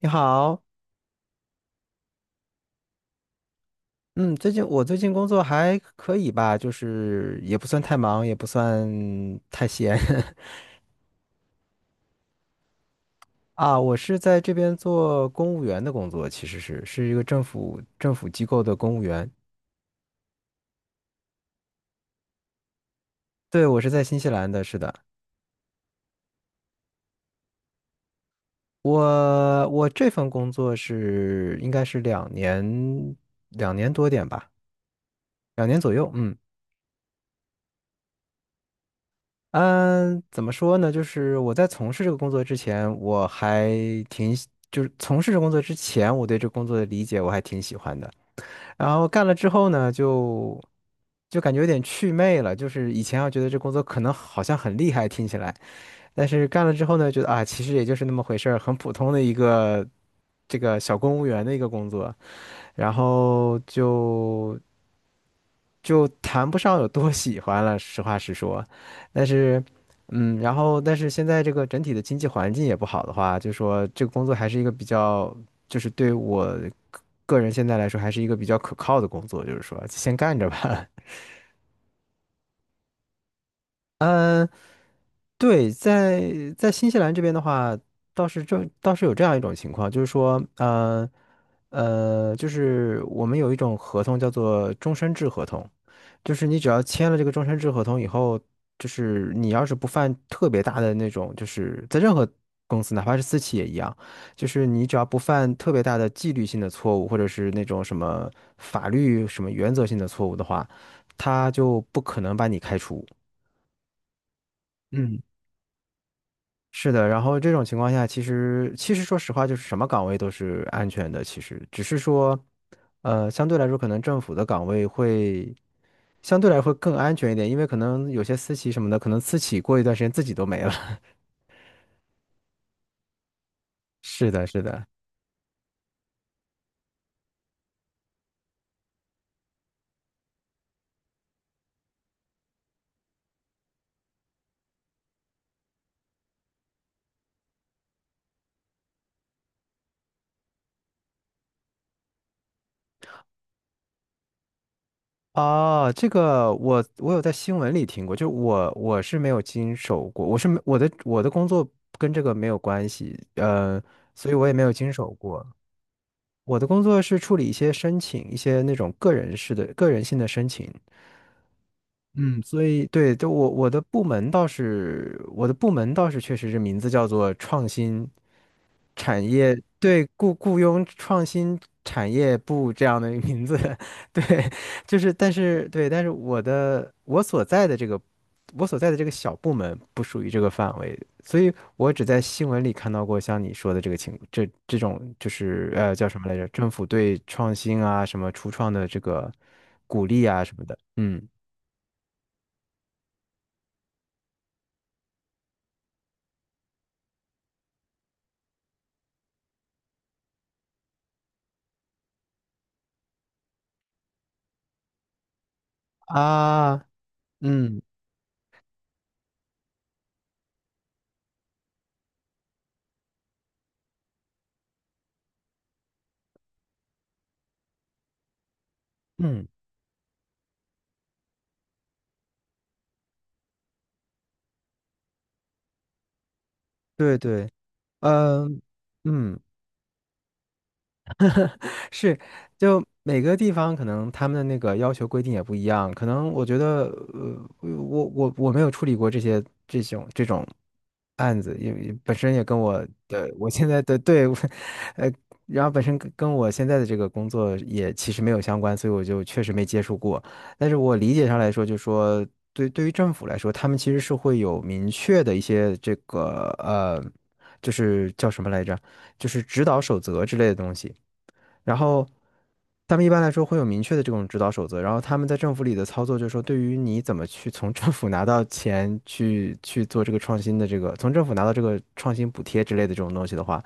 你好，最近工作还可以吧，就是也不算太忙，也不算太闲。 啊。我是在这边做公务员的工作，其实是一个政府机构的公务员。对，我是在新西兰的，是的。我这份工作是应该是两年多点吧，两年左右，嗯。嗯，怎么说呢？就是我在从事这个工作之前，我还挺喜就是从事这工作之前，我对这工作的理解我还挺喜欢的。然后干了之后呢，就感觉有点祛魅了。就是以前要觉得这工作可能好像很厉害，听起来，但是干了之后呢，觉得啊，其实也就是那么回事儿，很普通的一个这个小公务员的一个工作。然后就。就谈不上有多喜欢了，实话实说。但是，嗯，然后但是现在这个整体的经济环境也不好的话，就说这个工作还是一个比较，就是对我个个人现在来说还是一个比较可靠的工作，就是说先干着吧。嗯，对，在在新西兰这边的话，倒是这倒是有这样一种情况，就是说，就是我们有一种合同叫做终身制合同。就是你只要签了这个终身制合同以后，就是你要是不犯特别大的那种，就是在任何公司，哪怕是私企也一样，就是你只要不犯特别大的纪律性的错误，或者是那种什么法律什么原则性的错误的话，他就不可能把你开除。嗯。是的，然后这种情况下，其实说实话，就是什么岗位都是安全的，其实只是说，呃，相对来说，可能政府的岗位会相对来说会更安全一点，因为可能有些私企什么的，可能私企过一段时间自己都没了。是的，是的。哦，这个我有在新闻里听过，就我是没有经手过，我是没我的工作跟这个没有关系，呃，所以我也没有经手过。我的工作是处理一些申请，一些那种个人式的、个人性的申请，嗯所以对，就我我的部门倒是，我的部门倒是确实是名字叫做创新。产业对雇佣创新产业部这样的名字，对，但是我所在的这个我所在的这个小部门不属于这个范围，所以我只在新闻里看到过像你说的这个情这这种就是呃叫什么来着？政府对创新啊什么初创的这个鼓励啊什么的，嗯啊嗯嗯，对对，嗯嗯。是，就每个地方可能他们的那个要求规定也不一样，可能我觉得，呃，我没有处理过这种案子，因为本身也跟我现在的对，呃，然后本身跟我现在的这个工作也其实没有相关，所以我就确实没接触过。但是我理解上来说，就说对于政府来说，他们其实是会有明确的一些这个呃，就是叫什么来着，就是指导守则之类的东西。然后他们一般来说会有明确的这种指导守则，然后他们在政府里的操作就是说，对于你怎么去从政府拿到钱去做这个创新的这个，从政府拿到这个创新补贴之类的这种东西的话，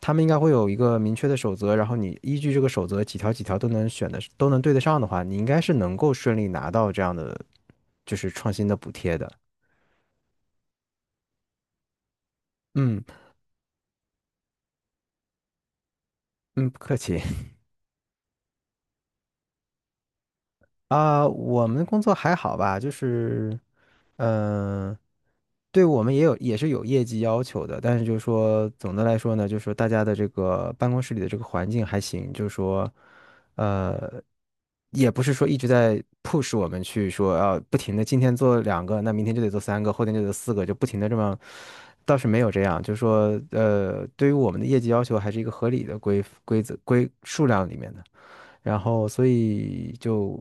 他们应该会有一个明确的守则，然后你依据这个守则几条都能选的都能对得上的话，你应该是能够顺利拿到这样的就是创新的补贴的。嗯嗯，不客气。啊，我们工作还好吧，就是，嗯、对我们也有也是有业绩要求的，但是就是说总的来说呢，就是说大家的这个办公室里的这个环境还行，就是说，呃，也不是说一直在 push 我们去说啊，不停的今天做两个，那明天就得做三个，后天就得四个，就不停的这么，倒是没有这样，就是说，呃，对于我们的业绩要求还是一个合理的规规则规数量里面的。然后所以就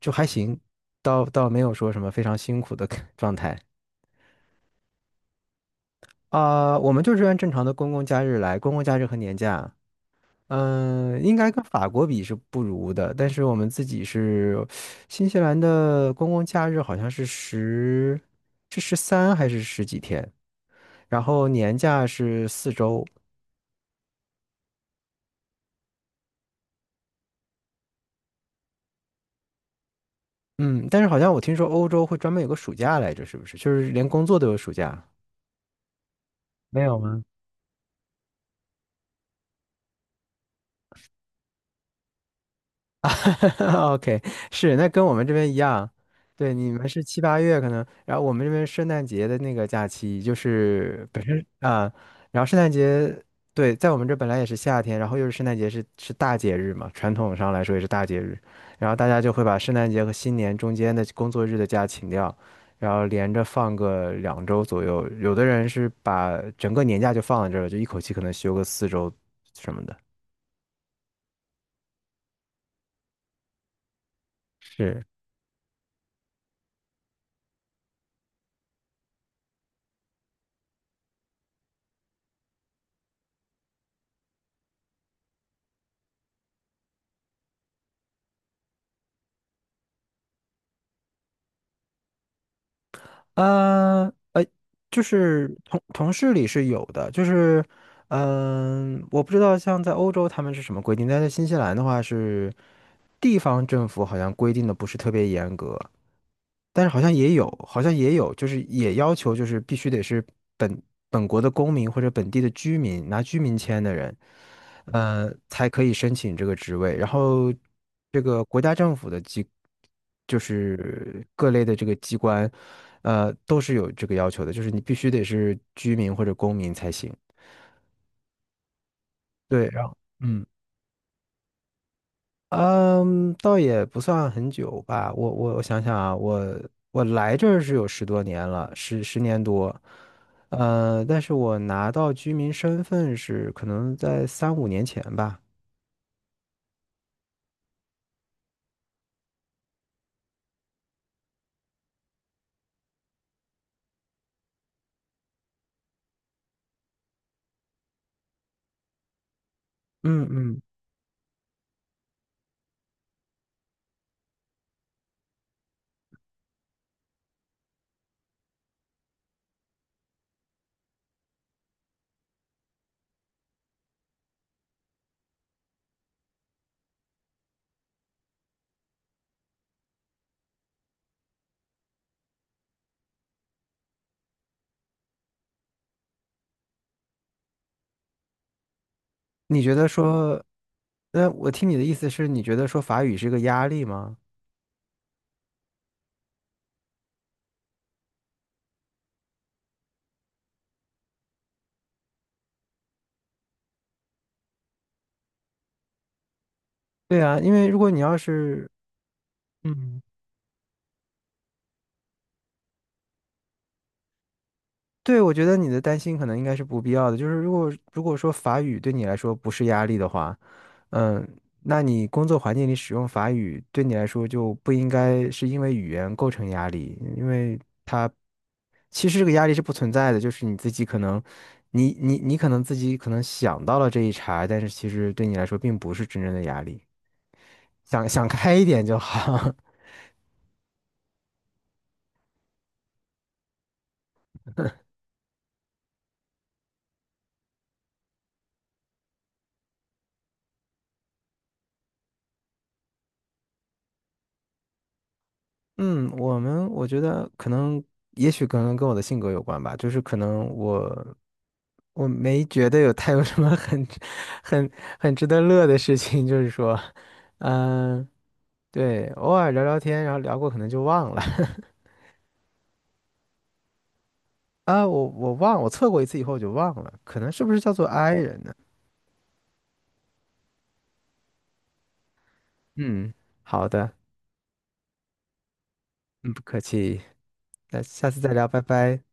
就还行，倒没有说什么非常辛苦的 状态。啊、我们就是按正常的公共假日来，公共假日和年假，嗯、应该跟法国比是不如的，但是我们自己是新西兰的公共假日好像是是十三还是十几天，然后年假是四周，嗯，但是好像我听说欧洲会专门有个暑假来着，是不是？就是连工作都有暑假。没有吗？OK，是，那跟我们这边一样，对，你们是七八月可能，然后我们这边圣诞节的那个假期就是本身啊，然后圣诞节，对，在我们这本来也是夏天，然后又是圣诞节是大节日嘛，传统上来说也是大节日，然后大家就会把圣诞节和新年中间的工作日的假请掉，然后连着放个两周左右，有的人是把整个年假就放在这儿了，就一口气可能休个四周什么的，是。嗯，呃，就是同事里是有的，就是嗯、我不知道像在欧洲他们是什么规定，但在新西兰的话是地方政府好像规定的不是特别严格，但是好像也有，就是也要求就是必须得是本本国的公民或者本地的居民，拿居民签的人，呃，才可以申请这个职位。然后这个国家政府的机，就是各类的这个机关，呃，都是有这个要求的，就是你必须得是居民或者公民才行。对，然后嗯。嗯，倒也不算很久吧。我想想啊，我来这儿是有十多年了，十年多。呃，但是我拿到居民身份是可能在三五年前吧。嗯嗯，你觉得说，那我听你的意思是，你觉得说法语是个压力吗？对啊，因为如果你要是，嗯。对，我觉得你的担心可能应该是不必要的。就是如果说法语对你来说不是压力的话，嗯，那你工作环境里使用法语对你来说就不应该是因为语言构成压力，因为它其实这个压力是不存在的，就是你自己可能，你可能自己可能想到了这一茬，但是其实对你来说并不是真正的压力，想想开一点就好。嗯，我觉得可能，也许可能跟我的性格有关吧，就是可能我没觉得有太有什么很 很很值得乐的事情，就是说，嗯，对，偶尔聊聊天，然后聊过可能就忘了。 啊，我测过一次以后我就忘了，可能是不是叫做 I 人呢？嗯，好的，嗯，不客气，那下次再聊，拜拜。